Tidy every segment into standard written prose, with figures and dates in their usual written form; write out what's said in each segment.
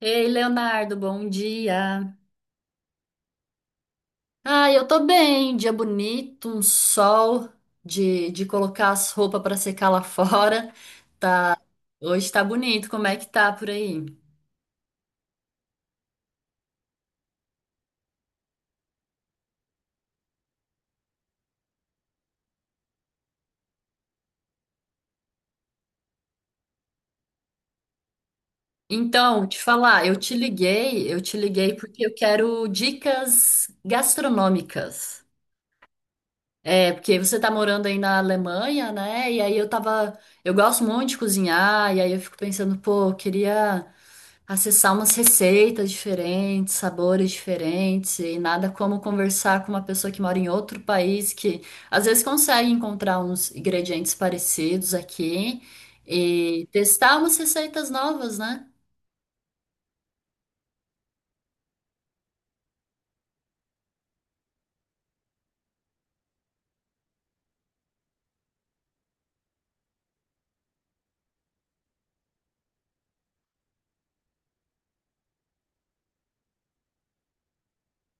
Ei, Leonardo, bom dia. Ah, eu tô bem, dia bonito, um sol de colocar as roupas pra secar lá fora. Hoje tá bonito, como é que tá por aí? Então, te falar, eu te liguei porque eu quero dicas gastronômicas. É, porque você tá morando aí na Alemanha, né? E aí eu tava. Eu gosto muito de cozinhar, e aí eu fico pensando, pô, eu queria acessar umas receitas diferentes, sabores diferentes, e nada como conversar com uma pessoa que mora em outro país, que às vezes consegue encontrar uns ingredientes parecidos aqui e testar umas receitas novas, né?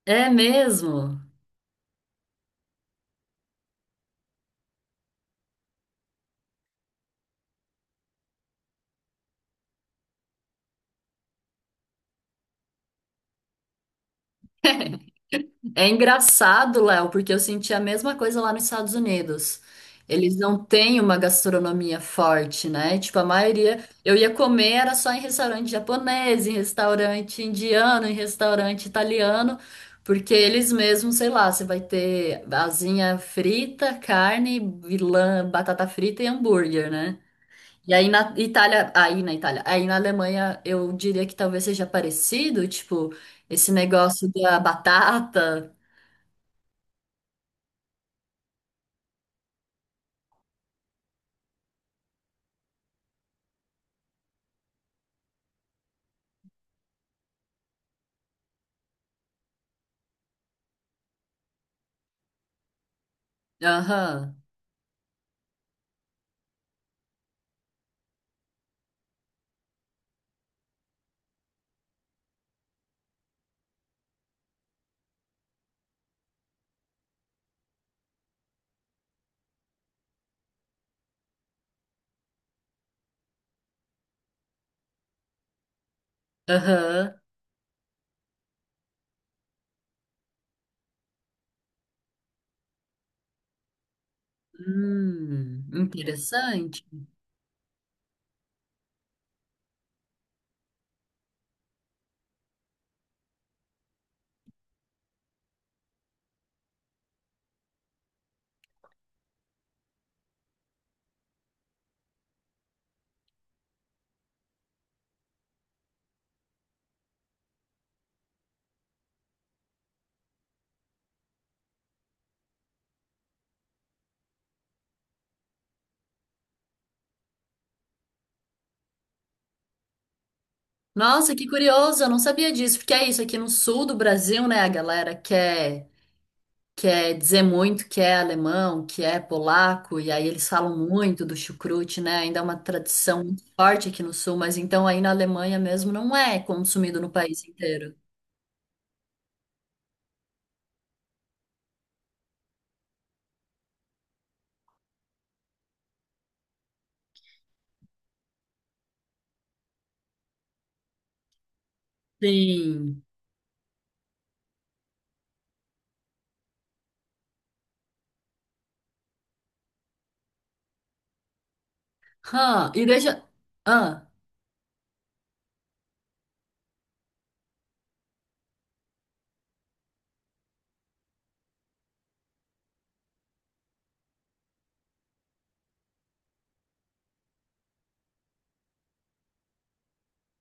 É mesmo. É engraçado, Léo, porque eu senti a mesma coisa lá nos Estados Unidos. Eles não têm uma gastronomia forte, né? Tipo, a maioria. Eu ia comer era só em restaurante japonês, em restaurante indiano, em restaurante italiano, porque eles mesmos, sei lá, você vai ter asinha frita, carne, vilã, batata frita e hambúrguer, né? E aí na Itália, aí na Alemanha, eu diria que talvez seja parecido, tipo, esse negócio da batata. Aham, aham. Interessante. Nossa, que curioso, eu não sabia disso, porque é isso, aqui no sul do Brasil, né, a galera quer, quer dizer muito que é alemão, que é polaco, e aí eles falam muito do chucrute, né, ainda é uma tradição muito forte aqui no sul, mas então aí na Alemanha mesmo não é consumido no país inteiro. Sim. Hã, e deixa... Ah,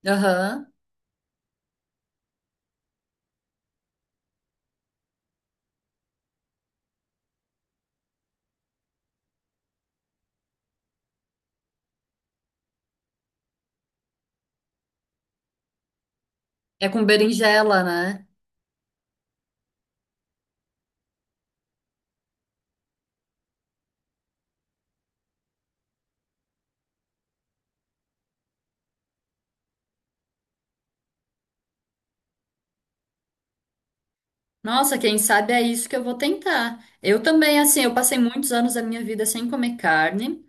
aham, é com berinjela, né? Nossa, quem sabe é isso que eu vou tentar. Eu também, assim, eu passei muitos anos da minha vida sem comer carne.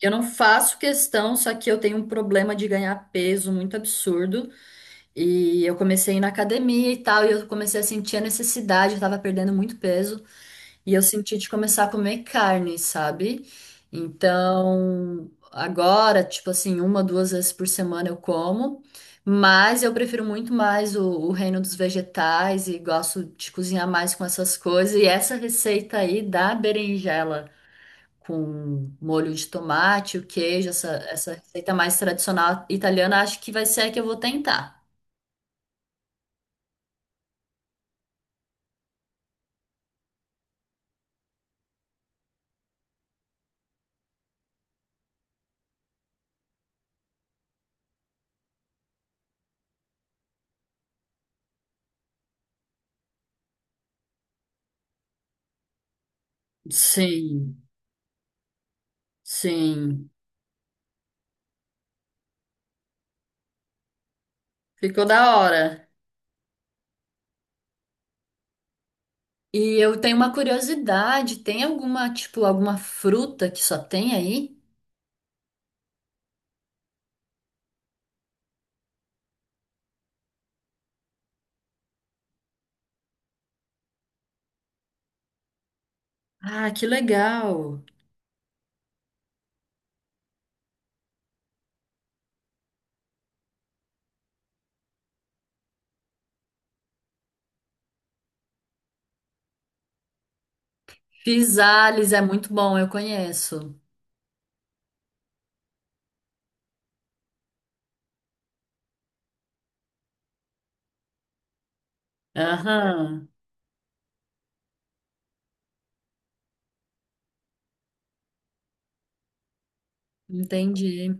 Eu não faço questão, só que eu tenho um problema de ganhar peso muito absurdo. E eu comecei a ir na academia e tal, e eu comecei a sentir a necessidade, eu tava perdendo muito peso. E eu senti de começar a comer carne, sabe? Então, agora, tipo assim, uma, duas vezes por semana eu como, mas eu prefiro muito mais o reino dos vegetais e gosto de cozinhar mais com essas coisas. E essa receita aí da berinjela com molho de tomate, o queijo, essa receita mais tradicional italiana, acho que vai ser a que eu vou tentar. Sim, sim. Ficou da hora. E eu tenho uma curiosidade, tem alguma, tipo, alguma fruta que só tem aí? Ah, que legal. Pisales é muito bom, eu conheço. Aham. Entendi,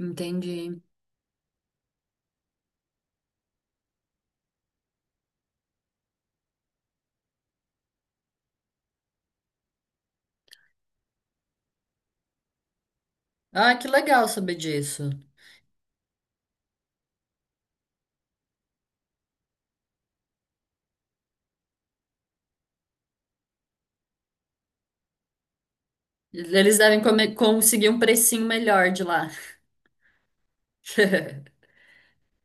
entendi. Ah, que legal saber disso. Eles devem come- conseguir um precinho melhor de lá.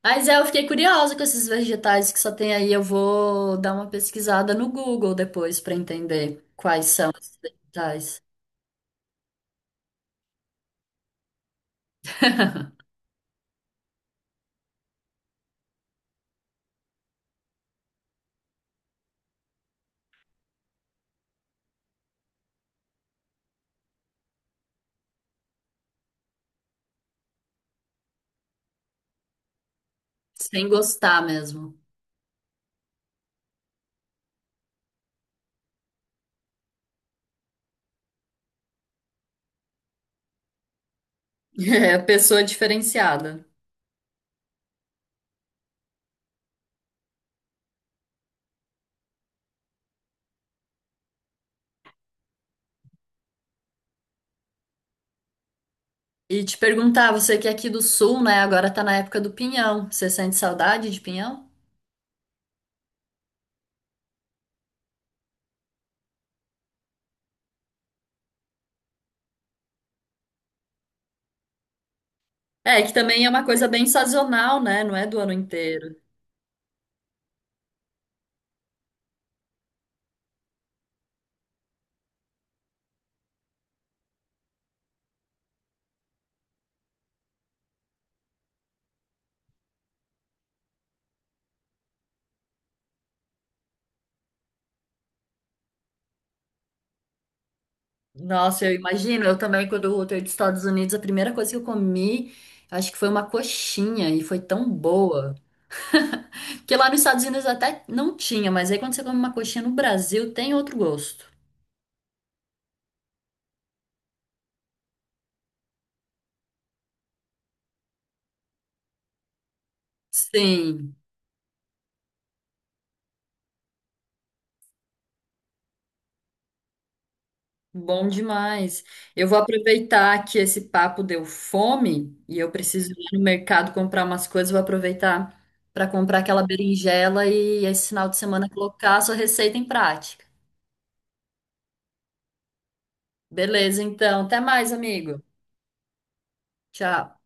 Mas é, eu fiquei curiosa com esses vegetais que só tem aí. Eu vou dar uma pesquisada no Google depois para entender quais são os vegetais. Sem gostar mesmo. É, pessoa diferenciada. E te perguntar, você que é aqui do sul, né? Agora tá na época do pinhão. Você sente saudade de pinhão? É, que também é uma coisa bem sazonal, né? Não é do ano inteiro. Nossa, eu imagino. Eu também, quando eu voltei dos Estados Unidos, a primeira coisa que eu comi, acho que foi uma coxinha e foi tão boa. Porque lá nos Estados Unidos até não tinha, mas aí quando você come uma coxinha no Brasil, tem outro gosto. Sim. Bom demais. Eu vou aproveitar que esse papo deu fome e eu preciso ir no mercado comprar umas coisas. Vou aproveitar para comprar aquela berinjela e esse final de semana colocar a sua receita em prática. Beleza, então. Até mais, amigo. Tchau.